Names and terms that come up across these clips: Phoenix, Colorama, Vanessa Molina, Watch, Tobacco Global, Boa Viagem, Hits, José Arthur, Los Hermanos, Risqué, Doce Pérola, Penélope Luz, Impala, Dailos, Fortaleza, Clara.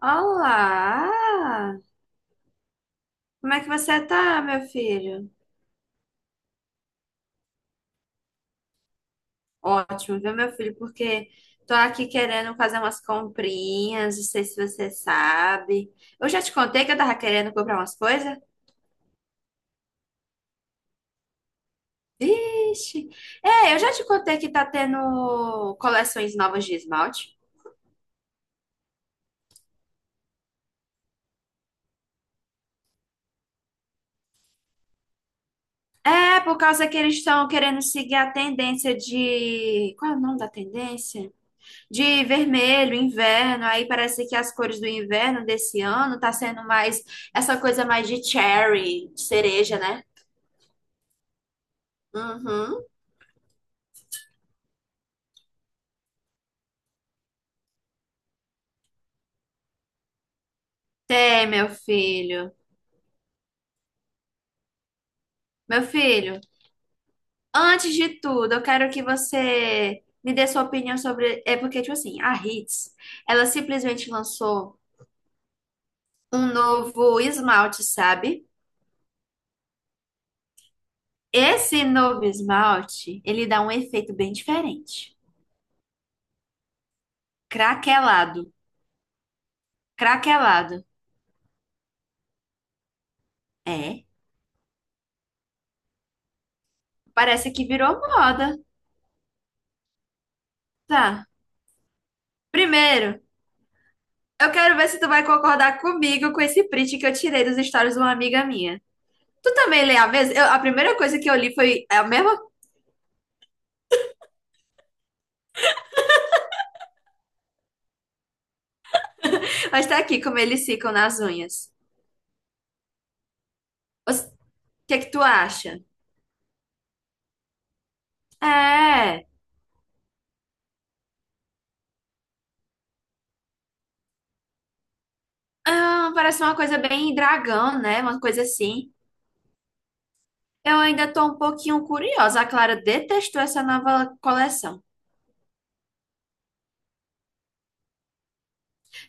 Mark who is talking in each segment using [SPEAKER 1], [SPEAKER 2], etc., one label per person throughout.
[SPEAKER 1] Olá! Como é que você tá, meu filho? Ótimo, viu, meu filho? Porque tô aqui querendo fazer umas comprinhas, não sei se você sabe. Eu já te contei que eu tava querendo comprar umas coisas? Vixe! É, eu já te contei que tá tendo coleções novas de esmalte. É, por causa que eles estão querendo seguir a tendência de... Qual é o nome da tendência? De vermelho, inverno, aí parece que as cores do inverno desse ano tá sendo mais essa coisa mais de cherry, de cereja, né? Uhum. Tem, meu filho. Meu filho, antes de tudo, eu quero que você me dê sua opinião sobre. É porque, tipo assim, a Hits, ela simplesmente lançou um novo esmalte, sabe? Esse novo esmalte, ele dá um efeito bem diferente. Craquelado. Craquelado. É. Parece que virou moda. Tá. Primeiro, eu quero ver se tu vai concordar comigo com esse print que eu tirei dos stories de uma amiga minha. Tu também lê a mesma? A primeira coisa que eu li foi é a mesma. Mas tá aqui como eles ficam nas unhas. O que é que tu acha? É. Ah, parece uma coisa bem dragão, né? Uma coisa assim. Eu ainda tô um pouquinho curiosa. A Clara detestou essa nova coleção.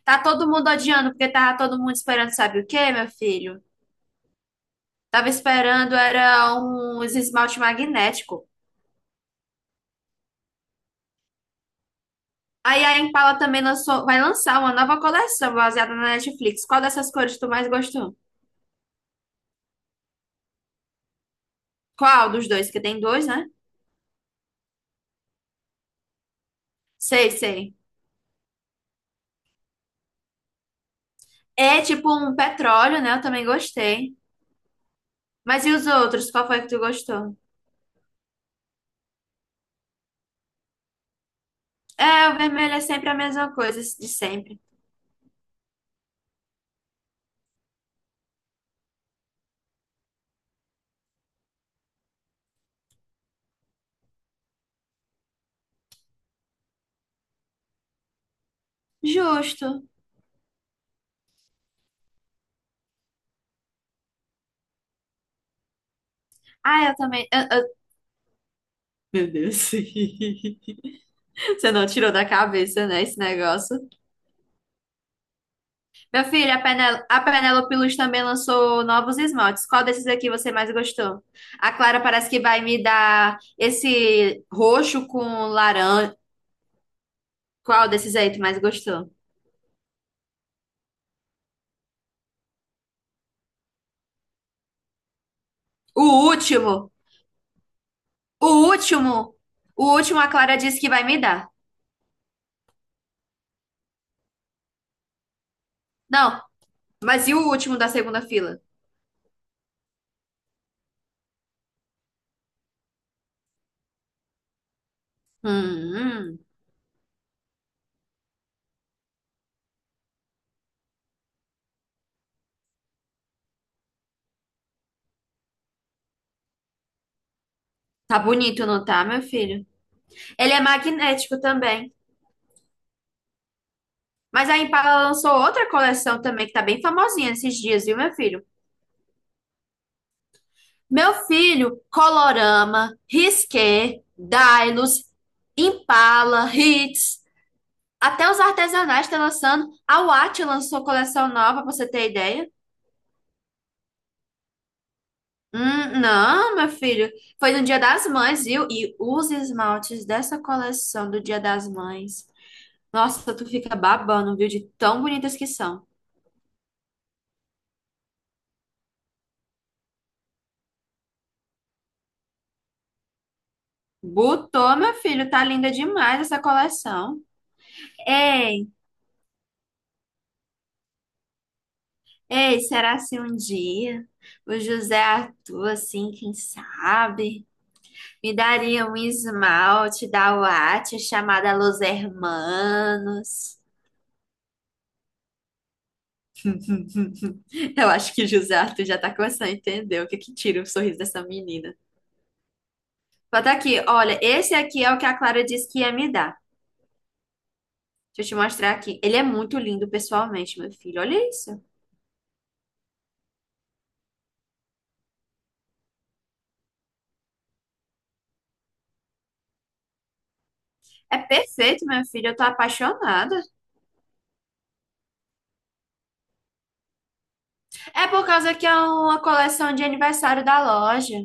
[SPEAKER 1] Tá todo mundo odiando porque tava todo mundo esperando, sabe o quê, meu filho? Tava esperando era uns esmalte magnético. Aí a Impala também lançou, vai lançar uma nova coleção baseada na Netflix. Qual dessas cores tu mais gostou? Qual dos dois? Que tem dois, né? Sei, sei. É tipo um petróleo, né? Eu também gostei. Mas e os outros? Qual foi que tu gostou? É, o vermelho é sempre a mesma coisa, de sempre. Justo. Ah, eu também. Meu Deus. Você não tirou da cabeça, né, esse negócio? Meu filho, a a Penélope Luz também lançou novos esmaltes. Qual desses aqui você mais gostou? A Clara parece que vai me dar esse roxo com laranja. Qual desses aí tu mais gostou? O último! O último! O último a Clara disse que vai me dar. Não, mas e o último da segunda fila? Hum, tá bonito, não tá, meu filho? Ele é magnético também. Mas a Impala lançou outra coleção também que tá bem famosinha esses dias, viu, meu filho? Meu filho, Colorama, Risqué, Dailos, Impala, Hits, até os artesanais estão lançando. A Watch lançou coleção nova, pra você ter ideia. Não, meu filho, foi no Dia das Mães, viu? E os esmaltes dessa coleção do Dia das Mães. Nossa, tu fica babando, viu? De tão bonitas que são. Botou, meu filho, tá linda demais essa coleção. É. Ei, será se um dia o José Arthur, assim, quem sabe, me daria um esmalte da Watch chamada Los Hermanos? Eu acho que o José Arthur já tá começando a entender o que que tira o sorriso dessa menina. Bota aqui, olha, esse aqui é o que a Clara disse que ia me dar. Deixa eu te mostrar aqui. Ele é muito lindo pessoalmente, meu filho. Olha isso. É perfeito, meu filho. Eu tô apaixonada. É por causa que é uma coleção de aniversário da loja.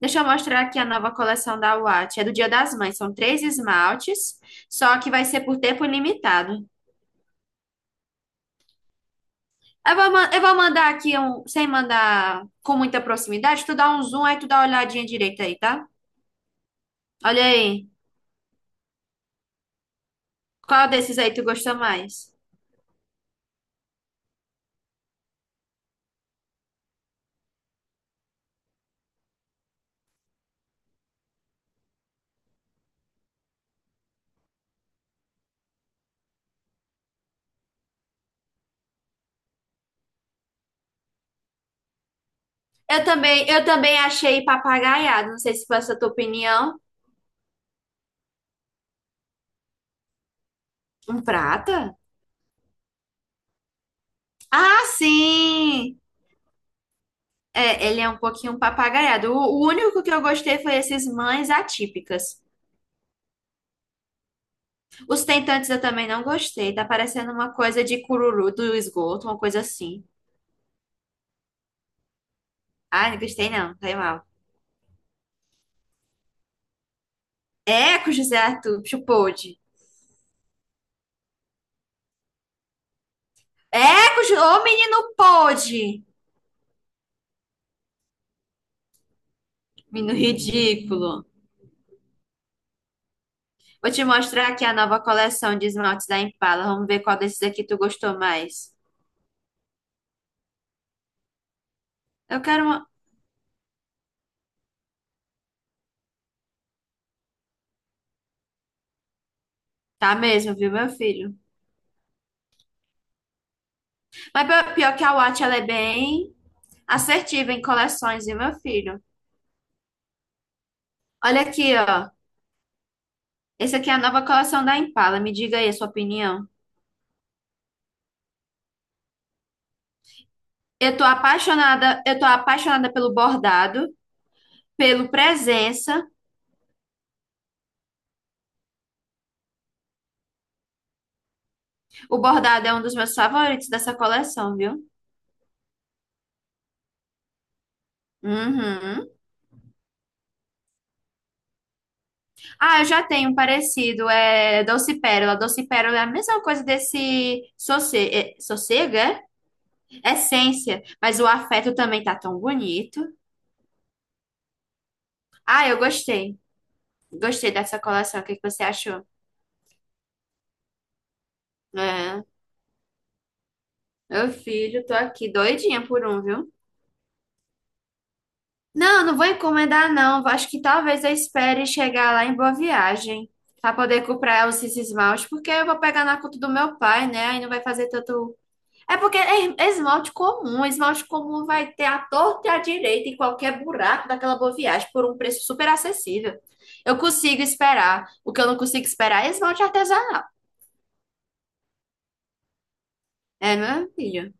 [SPEAKER 1] Deixa eu mostrar aqui a nova coleção da Watch. É do Dia das Mães. São três esmaltes, só que vai ser por tempo ilimitado. Eu vou mandar aqui, um, sem mandar com muita proximidade, tu dá um zoom aí, tu dá uma olhadinha direita aí, tá? Olha aí. Qual desses aí tu gostou mais? Eu também achei papagaiado. Não sei se foi essa tua opinião. Um prata? Ah, sim! É, ele é um pouquinho papagaiado. O único que eu gostei foi esses mães atípicas. Os tentantes eu também não gostei. Tá parecendo uma coisa de cururu do esgoto, uma coisa assim. Ai, não gostei não, tá mal. Eco, José Arthur, bicho pôde. Eco, ô menino pôde. Menino ridículo. Vou te mostrar aqui a nova coleção de esmaltes da Impala. Vamos ver qual desses aqui tu gostou mais. Eu quero uma... Tá mesmo, viu, meu filho? Mas pior que a Watch, ela é bem assertiva em coleções, viu, meu filho? Olha aqui, ó. Esse aqui é a nova coleção da Impala. Me diga aí a sua opinião. Eu tô apaixonada pelo bordado, pelo presença. O bordado é um dos meus favoritos dessa coleção, viu? Uhum. Ah, eu já tenho um parecido, é Doce Pérola. Doce Pérola é a mesma coisa desse é, sossego, é? É Essência, mas o afeto também tá tão bonito. Ah, eu gostei. Gostei dessa coleção. O que que você achou? É, meu filho, tô aqui doidinha por um, viu? Não, não vou encomendar, não. Acho que talvez eu espere chegar lá em Boa Viagem para poder comprar esses esmalte, porque eu vou pegar na conta do meu pai, né? Aí não vai fazer tanto. É porque é esmalte comum vai ter a torta e a direita em qualquer buraco daquela Boa Viagem por um preço super acessível. Eu consigo esperar. O que eu não consigo esperar é esmalte artesanal. É, meu filho,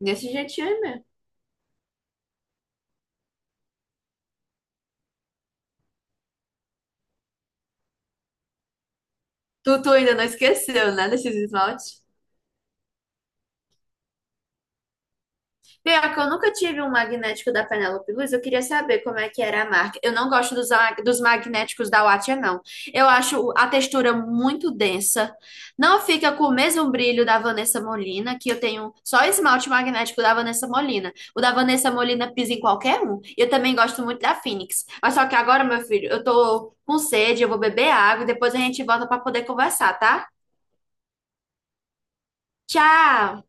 [SPEAKER 1] desse jeitinho aí mesmo. Tu, tu ainda não esqueceu, né, desses esmaltes? Pior que eu nunca tive um magnético da Penélope Luiz, eu queria saber como é que era a marca. Eu não gosto dos magnéticos da Wattia, não. Eu acho a textura muito densa. Não fica com o mesmo brilho da Vanessa Molina, que eu tenho só esmalte magnético da Vanessa Molina. O da Vanessa Molina pisa em qualquer um. E eu também gosto muito da Phoenix. Mas só que agora, meu filho, eu tô com sede, eu vou beber água e depois a gente volta pra poder conversar, tá? Tchau!